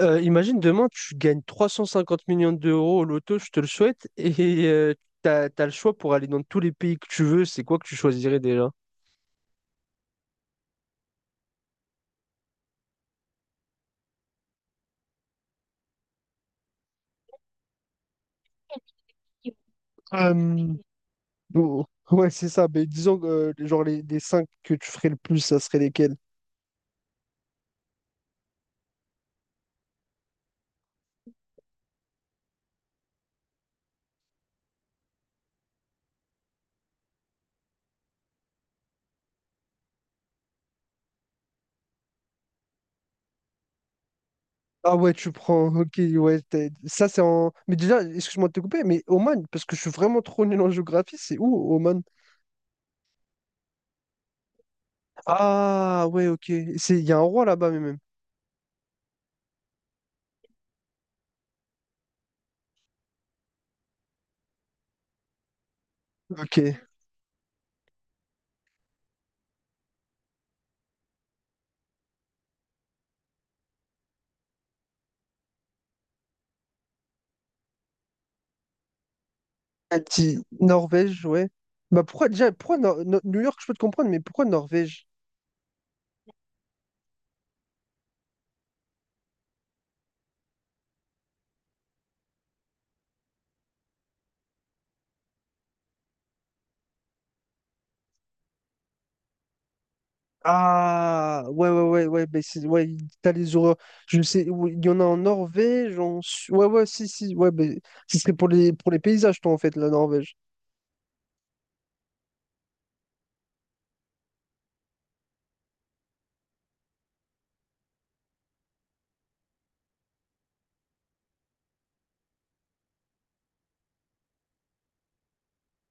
Imagine demain, tu gagnes 350 millions d'euros au loto, je te le souhaite, et t'as le choix pour aller dans tous les pays que tu veux. C'est quoi que tu choisirais déjà? Euh, bon, ouais, c'est ça. Mais disons, genre, les cinq que tu ferais le plus, ça serait lesquels? Ah ouais, tu prends. Ok, ouais. Ça, c'est en. Mais déjà, excuse-moi de te couper, mais Oman, parce que je suis vraiment trop nul en géographie, c'est où, Oman? Ah ouais, ok. C'est... Il y a un roi là-bas, mais même. Ok. Ah, Norvège, ouais. Bah pourquoi déjà, pourquoi New York, je peux te comprendre, mais pourquoi Norvège? Ah, ouais, ouais, ouais, ouais, ouais, t'as les horreurs. Je sais, oui, il y en a en Norvège, en... ouais, ouais, si, si, ouais, bah, ce serait pour pour les paysages, toi, en fait, la Norvège.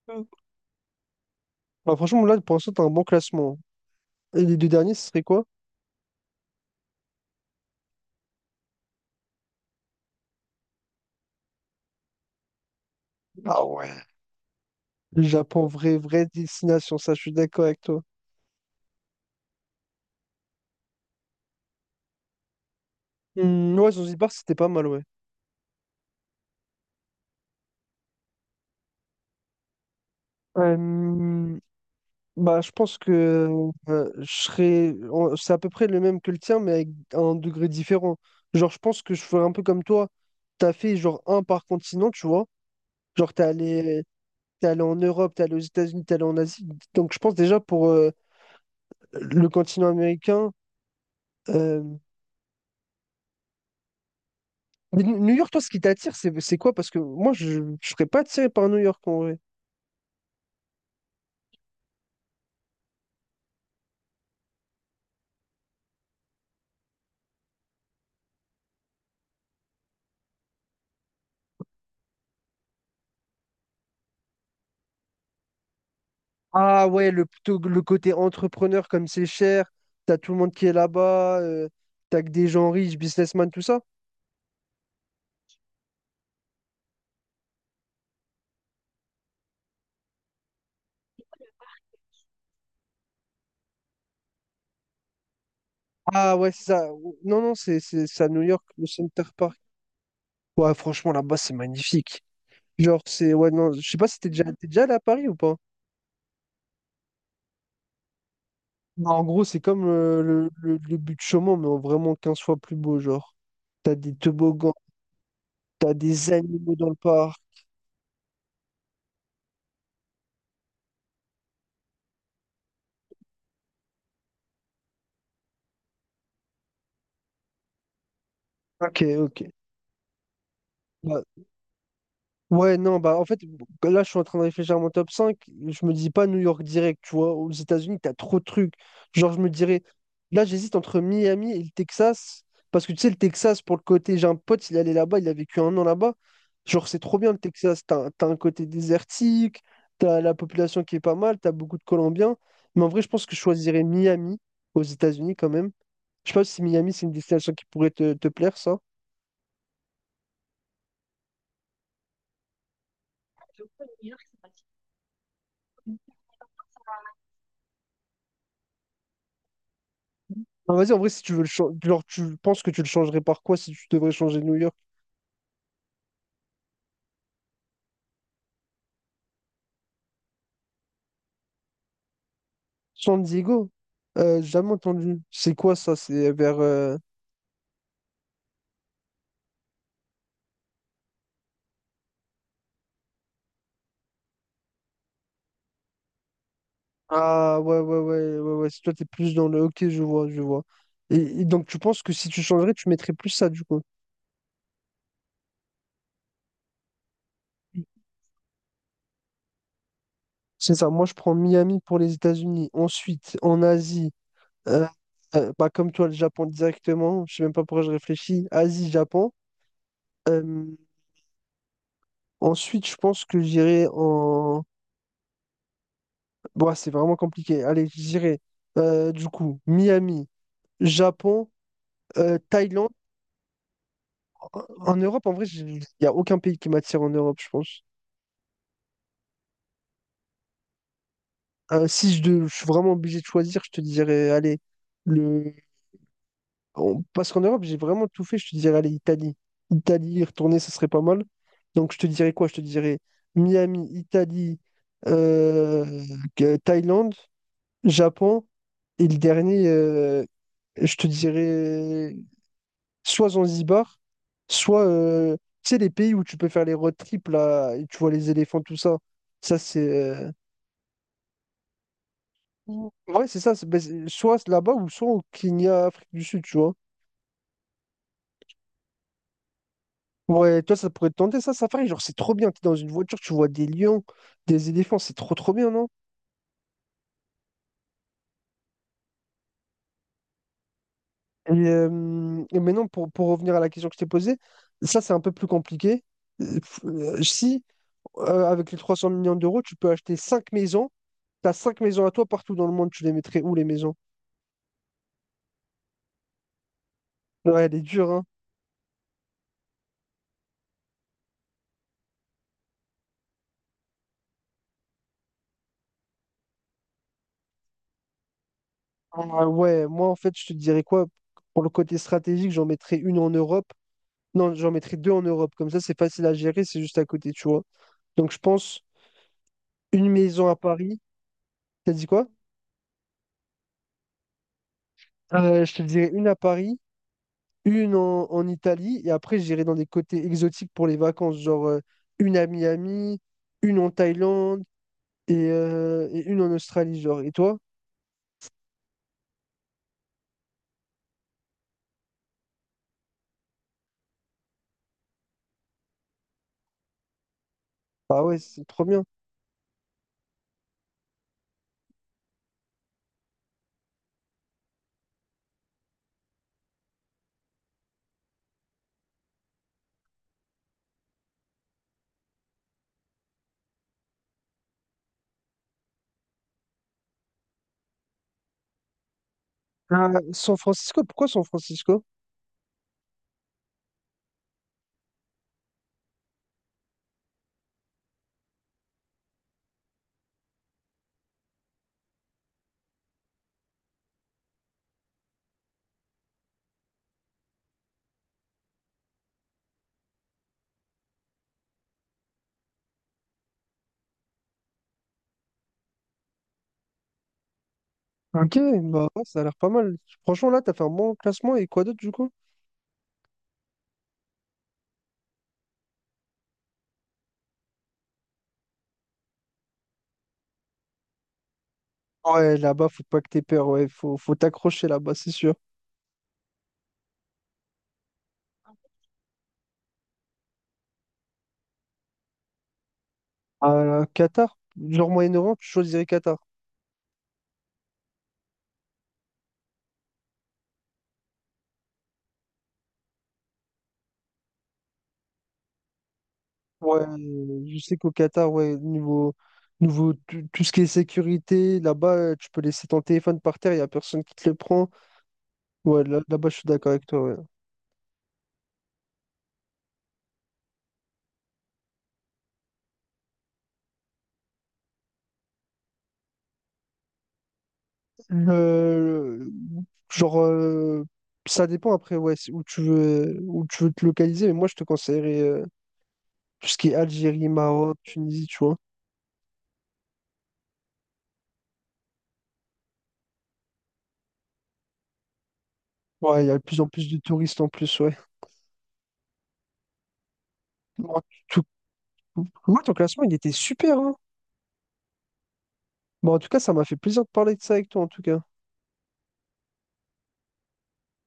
Mm. Bah, franchement, là, pour l'instant, t'as un bon classement. Et les deux derniers, ce serait quoi? Ah ouais. Le Japon, vraie destination, ça, je suis d'accord avec toi. Hmm, ouais, Zanzibar, c'était pas mal, ouais. Euh, Bah, je pense que je serais. C'est à peu près le même que le tien, mais avec un degré différent. Genre, je pense que je ferais un peu comme toi. T'as fait genre un par continent, tu vois. Genre, t'es allé en Europe, t'es allé aux États-Unis, t'es allé en Asie. Donc, je pense déjà pour le continent américain. euh, mais New York, toi, ce qui t'attire, c'est quoi? Parce que moi, je ne serais pas attiré par New York en vrai. Ah ouais, le, plutôt le côté entrepreneur, comme c'est cher, t'as tout le monde qui est là-bas, t'as que des gens riches, businessmen, tout ça. Ah ouais, c'est ça. Non, non, c'est à New York, le Center Park. Ouais, franchement, là-bas, c'est magnifique. Genre, c'est. Ouais, non, je sais pas si t'es déjà, t'es déjà allé à Paris ou pas. Non, en gros, c'est comme le but de Chaumont, mais en vraiment 15 fois plus beau, genre. T'as des toboggans, t'as des animaux dans le parc. Ok, ok. Bah, ouais, non, bah en fait, là, je suis en train de réfléchir à mon top cinq. Je me dis pas New York direct, tu vois. Aux États-Unis, t'as trop de trucs. Genre, je me dirais, là, j'hésite entre Miami et le Texas. Parce que tu sais, le Texas, pour le côté, j'ai un pote, il allait là-bas, il a vécu un an là-bas. Genre, c'est trop bien le Texas. T'as un côté désertique, t'as la population qui est pas mal, t'as beaucoup de Colombiens. Mais en vrai, je pense que je choisirais Miami aux États-Unis quand même. Je sais pas si Miami, c'est une destination qui pourrait te plaire, ça. Ah, vas-y, en vrai, si tu veux le changer, genre, tu penses que tu le changerais par quoi si tu devrais changer New York? San Diego? Jamais entendu. C'est quoi ça? C'est vers. Ah, ouais, ouais, ouais, ouais, ouais. Si toi, t'es plus dans le. Ok, je vois, je vois. Et donc, tu penses que si tu changerais, tu mettrais plus ça, du coup? C'est ça. Moi, je prends Miami pour les États-Unis. Ensuite, en Asie, euh, bah, comme toi, le Japon directement. Je sais même pas pourquoi je réfléchis. Asie, Japon. Euh, Ensuite, je pense que j'irai en. Bon, c'est vraiment compliqué. Allez, je dirais du coup Miami, Japon, Thaïlande. En, en Europe, en vrai, il n'y a aucun pays qui m'attire en Europe, je pense. Si je, je suis vraiment obligé de choisir, je te dirais, allez, le... Parce qu'en Europe, j'ai vraiment tout fait, je te dirais, allez, Italie. Italie, y retourner, ce serait pas mal. Donc, je te dirais quoi? Je te dirais Miami, Italie, euh, Thaïlande, Japon, et le dernier, je te dirais. Soit Zanzibar, soit tu sais, les pays où tu peux faire les road trips là, et tu vois les éléphants, tout ça. Ça, c'est. Ouais, c'est ça. Ben, soit là-bas ou soit au Kenya, Afrique du Sud, tu vois. Ouais, toi, ça pourrait te tenter ça, Safari. Genre, c'est trop bien. T'es dans une voiture, tu vois des lions, des éléphants, c'est trop, trop bien, non? Et maintenant, pour revenir à la question que je t'ai posée, ça, c'est un peu plus compliqué. Si, avec les 300 millions d'euros, tu peux acheter 5 maisons, t'as 5 maisons à toi partout dans le monde, tu les mettrais où les maisons? Ouais, elle est dure, hein. Ah ouais, moi en fait, je te dirais quoi? Pour le côté stratégique, j'en mettrais une en Europe. Non, j'en mettrais deux en Europe. Comme ça, c'est facile à gérer, c'est juste à côté, tu vois. Donc je pense une maison à Paris. T'as dit quoi? Je te dirais une à Paris, une en, en Italie, et après j'irai dans des côtés exotiques pour les vacances, genre une à Miami, une en Thaïlande et une en Australie, genre. Et toi? Ah ouais, c'est trop bien. Ah, San Francisco, pourquoi San Francisco? Ok, bah ouais, ça a l'air pas mal. Franchement, là, t'as fait un bon classement et quoi d'autre du coup? Ouais, là-bas, faut pas que t'aies peur, ouais, faut, faut t'accrocher là-bas, c'est sûr. Qatar, genre Moyen-Orient, tu choisirais Qatar. Ouais, je sais qu'au Qatar, ouais, niveau, niveau tout, ce qui est sécurité, là-bas, tu peux laisser ton téléphone par terre, il n'y a personne qui te le prend. Ouais, là, là-bas, je suis d'accord avec toi, ouais. Le- genre, ça dépend après, ouais, c'est où tu veux te localiser, mais moi, je te conseillerais. Tout ce qui est Algérie, Maroc, Tunisie, tu vois. Ouais, il y a de plus en plus de touristes en plus, ouais. Bon, tout- Moi, ton classement, il était super, hein. Bon, en tout cas, ça m'a fait plaisir de parler de ça avec toi, en tout cas.